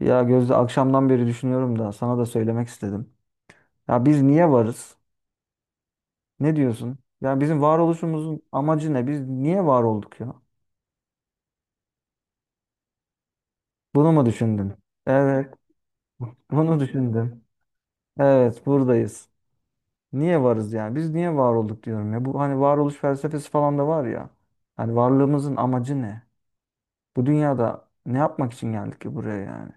Ya Gözde, akşamdan beri düşünüyorum da sana da söylemek istedim. Ya biz niye varız? Ne diyorsun? Ya bizim varoluşumuzun amacı ne? Biz niye var olduk ya? Bunu mu düşündün? Evet, bunu düşündüm. Evet, buradayız. Niye varız yani? Biz niye var olduk diyorum ya. Bu hani varoluş felsefesi falan da var ya. Hani varlığımızın amacı ne? Bu dünyada ne yapmak için geldik ki buraya yani?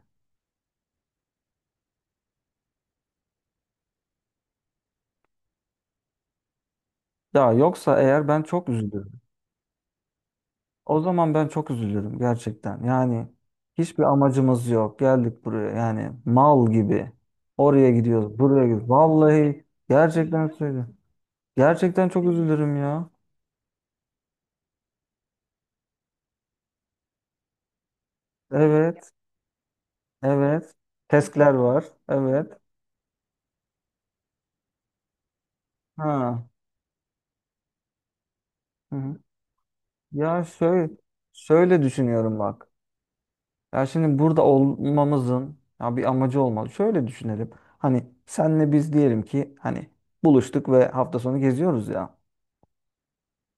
Ya yoksa eğer ben çok üzülürüm. O zaman ben çok üzülürüm gerçekten. Yani hiçbir amacımız yok. Geldik buraya yani mal gibi. Oraya gidiyoruz, buraya gidiyoruz. Vallahi gerçekten söylüyorum. Gerçekten çok üzülürüm ya. Evet, evet. Testler var. Evet. Ha. Hı hı. Ya şöyle düşünüyorum bak. Ya şimdi burada olmamızın ya bir amacı olmalı. Şöyle düşünelim. Hani senle biz diyelim ki hani buluştuk ve hafta sonu geziyoruz ya.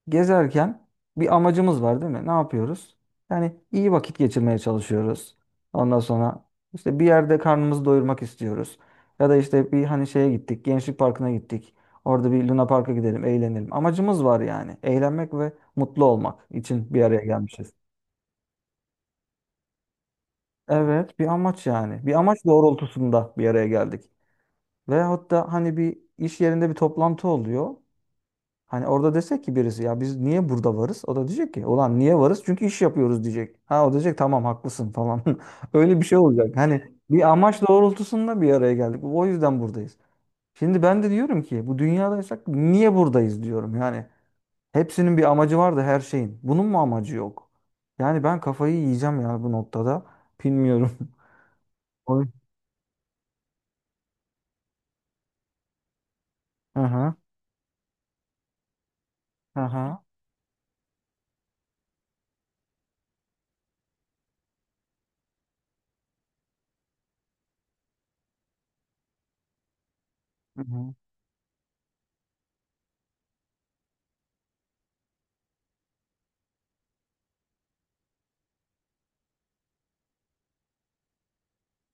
Gezerken bir amacımız var değil mi? Ne yapıyoruz? Yani iyi vakit geçirmeye çalışıyoruz. Ondan sonra işte bir yerde karnımızı doyurmak istiyoruz. Ya da işte bir hani şeye gittik, Gençlik Parkı'na gittik. Orada bir Luna Park'a gidelim, eğlenelim. Amacımız var yani. Eğlenmek ve mutlu olmak için bir araya gelmişiz. Evet, bir amaç yani. Bir amaç doğrultusunda bir araya geldik. Ve hatta hani bir iş yerinde bir toplantı oluyor. Hani orada desek ki birisi ya biz niye burada varız? O da diyecek ki ulan niye varız? Çünkü iş yapıyoruz diyecek. Ha o diyecek tamam haklısın falan. Öyle bir şey olacak. Hani bir amaç doğrultusunda bir araya geldik. O yüzden buradayız. Şimdi ben de diyorum ki bu dünyadaysak niye buradayız diyorum. Yani hepsinin bir amacı var da her şeyin. Bunun mu amacı yok? Yani ben kafayı yiyeceğim yani bu noktada. Bilmiyorum. Oy. Hı hı. Hı hı. Hı hı.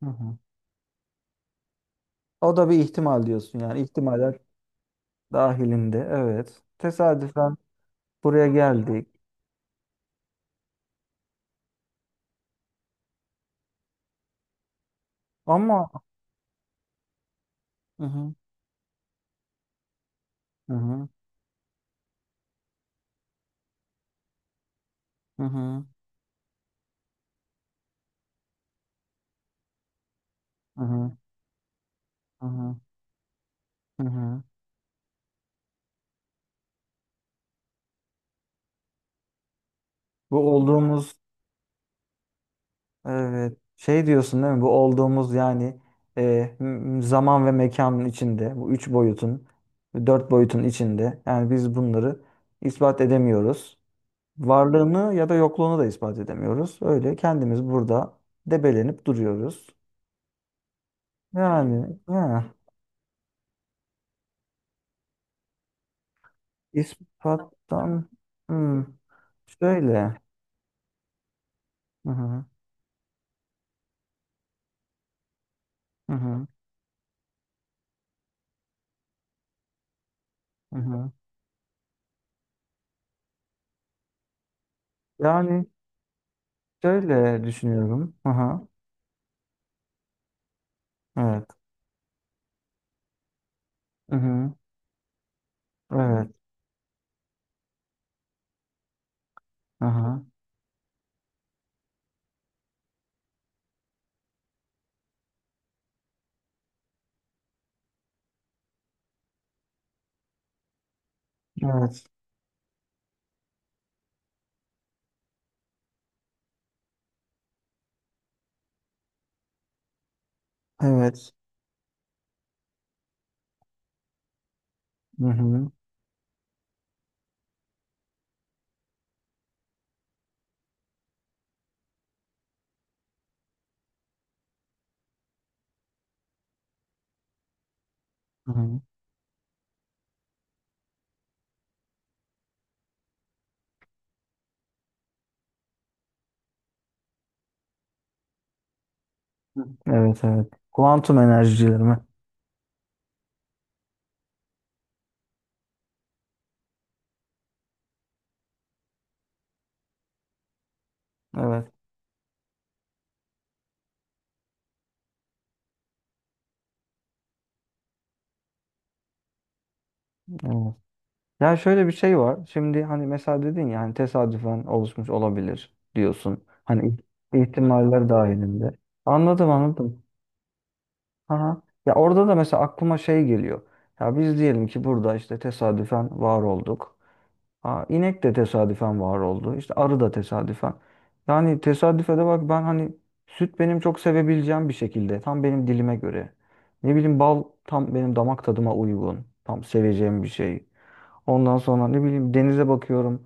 Hı hı. O da bir ihtimal diyorsun yani. İhtimaller dahilinde. Evet. Tesadüfen buraya geldik. Ama hı hı, hı hı, hı hı, hı hı, hı hı. Hı. Bu olduğumuz, evet, şey diyorsun değil mi? Bu olduğumuz yani zaman ve mekanın içinde bu üç boyutun dört boyutun içinde yani biz bunları ispat edemiyoruz. Varlığını ya da yokluğunu da ispat edemiyoruz. Öyle kendimiz burada debelenip duruyoruz. Yani ya, ispattan hmm, şöyle. Hı hı. Hı hı. Hı hı. Yani şöyle düşünüyorum. Hı hı. Evet. Hı hı. Evet. Hı hı. Evet. Evet. Hı hı. Hı hı. Evet, evet. Kuantum enerjileri mi? Evet. Evet. Ya şöyle bir şey var. Şimdi hani mesela dedin ya hani tesadüfen oluşmuş olabilir diyorsun. Hani ihtimaller dahilinde. Anladım, anladım. Aha. Ya orada da mesela aklıma şey geliyor. Ya biz diyelim ki burada işte tesadüfen var olduk. Ha, inek de tesadüfen var oldu. İşte arı da tesadüfen. Yani tesadüfe de bak ben hani süt benim çok sevebileceğim bir şekilde. Tam benim dilime göre. Ne bileyim bal tam benim damak tadıma uygun. Tam seveceğim bir şey. Ondan sonra ne bileyim denize bakıyorum.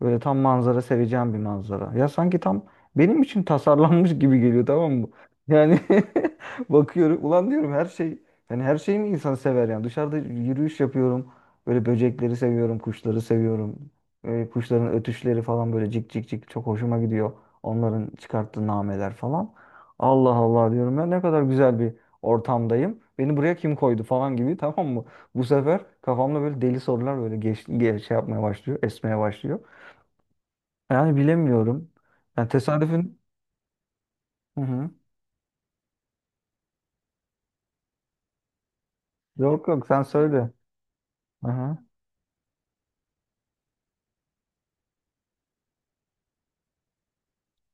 Böyle tam manzara seveceğim bir manzara. Ya sanki tam benim için tasarlanmış gibi geliyor, tamam mı? Yani bakıyorum ulan diyorum her şey, yani her şeyi mi insan sever yani dışarıda yürüyüş yapıyorum. Böyle böcekleri seviyorum, kuşları seviyorum. Kuşların ötüşleri falan böyle cik cik cik çok hoşuma gidiyor. Onların çıkarttığı nameler falan. Allah Allah diyorum ya, ne kadar güzel bir ortamdayım. Beni buraya kim koydu falan gibi tamam, bu sefer kafamda böyle deli sorular böyle geç şey yapmaya başlıyor, esmeye başlıyor. Yani bilemiyorum. Yani tesadüfün... Hı hı. Yok yok, sen söyle. Hı hı.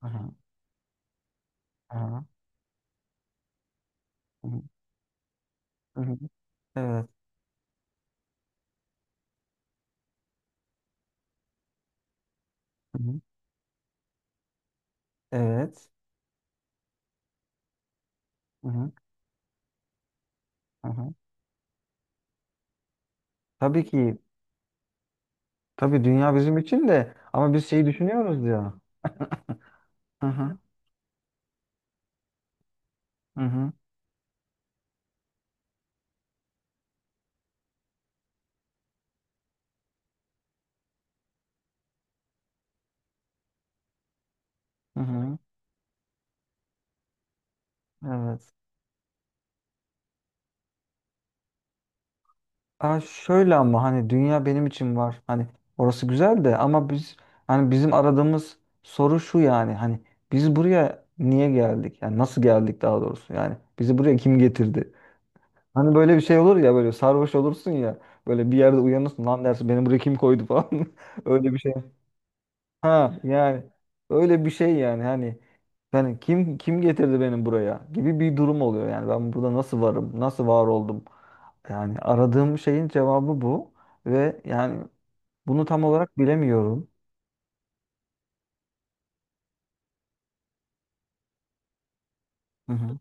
Hı hı. Hı hı. Hı hı. Evet. Hı hı. Evet. Hı hı. Hı hı. Tabii ki. Tabii dünya bizim için de ama biz şeyi düşünüyoruz ya. Hı hı. Hı hı. Hı hı. Evet. Aa, şöyle ama hani dünya benim için var. Hani orası güzel de ama biz hani bizim aradığımız soru şu yani hani biz buraya niye geldik? Yani nasıl geldik daha doğrusu? Yani bizi buraya kim getirdi? Hani böyle bir şey olur ya, böyle sarhoş olursun ya böyle bir yerde uyanırsın, lan dersin beni buraya kim koydu falan. Öyle bir şey. Ha yani öyle bir şey yani hani yani kim getirdi beni buraya gibi bir durum oluyor yani ben burada nasıl varım? Nasıl var oldum? Yani aradığım şeyin cevabı bu ve yani bunu tam olarak bilemiyorum. Hı hı.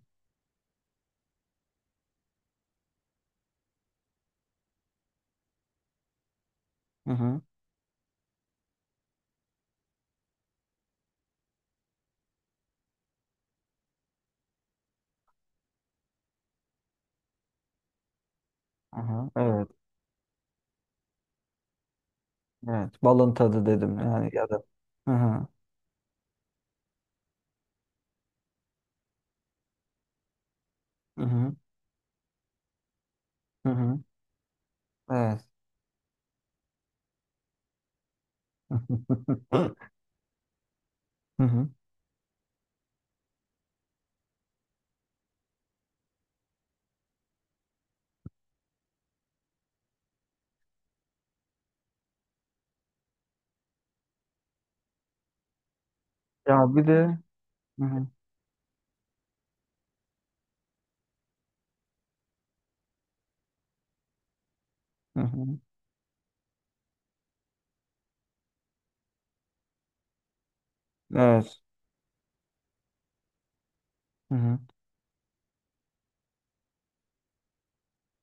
Hı hı. Hı hı. Evet. Evet. Balın tadı dedim yani, ya da. Hı hı. Hı hı. Hı hı. Evet. Hı hı. Ya bir de hı hı. Hı hı. Evet. Hı hı.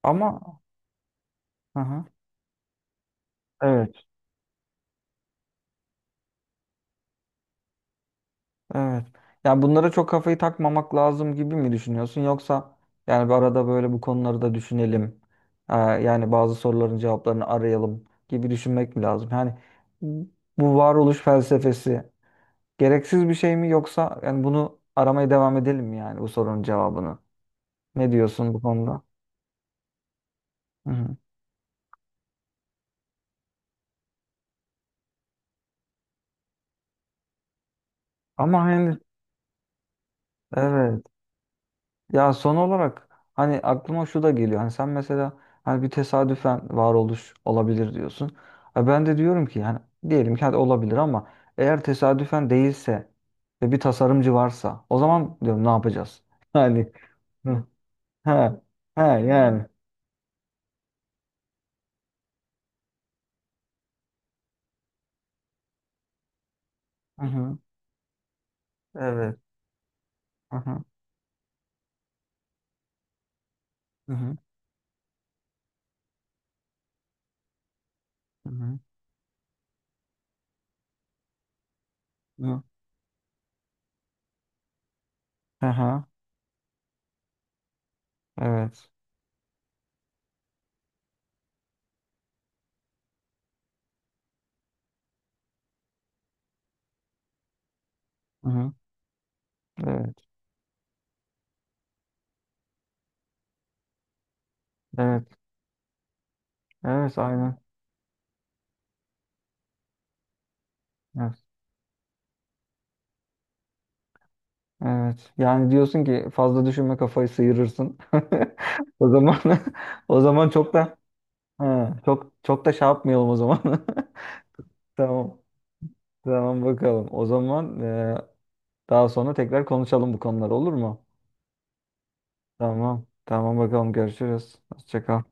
Ama hı hı. Evet. Evet. Yani bunlara çok kafayı takmamak lazım gibi mi düşünüyorsun? Yoksa yani bir arada böyle bu konuları da düşünelim. Yani bazı soruların cevaplarını arayalım gibi düşünmek mi lazım? Yani bu varoluş felsefesi gereksiz bir şey mi, yoksa yani bunu aramaya devam edelim mi yani bu sorunun cevabını? Ne diyorsun bu konuda? Hı hı. Ama hani, evet. Ya son olarak hani aklıma şu da geliyor. Hani sen mesela hani bir tesadüfen varoluş olabilir diyorsun. E, ben de diyorum ki yani diyelim ki hadi olabilir ama eğer tesadüfen değilse ve bir tasarımcı varsa o zaman diyorum ne yapacağız? Yani. Hı, ha ha. Hmm. Yani. Hı hı. Evet. Hı hı. Hı hı. Hı hı. Hı. Hı hı. Evet. Hı hı. Evet. Evet. Evet aynen. Evet. Yani diyorsun ki fazla düşünme, kafayı sıyırırsın. O zaman, o zaman çok da, ha, çok çok da şey yapmayalım o zaman. Tamam. Tamam bakalım. O zaman daha sonra tekrar konuşalım bu konular, olur mu? Tamam. Tamam bakalım, görüşürüz. Hoşça kal.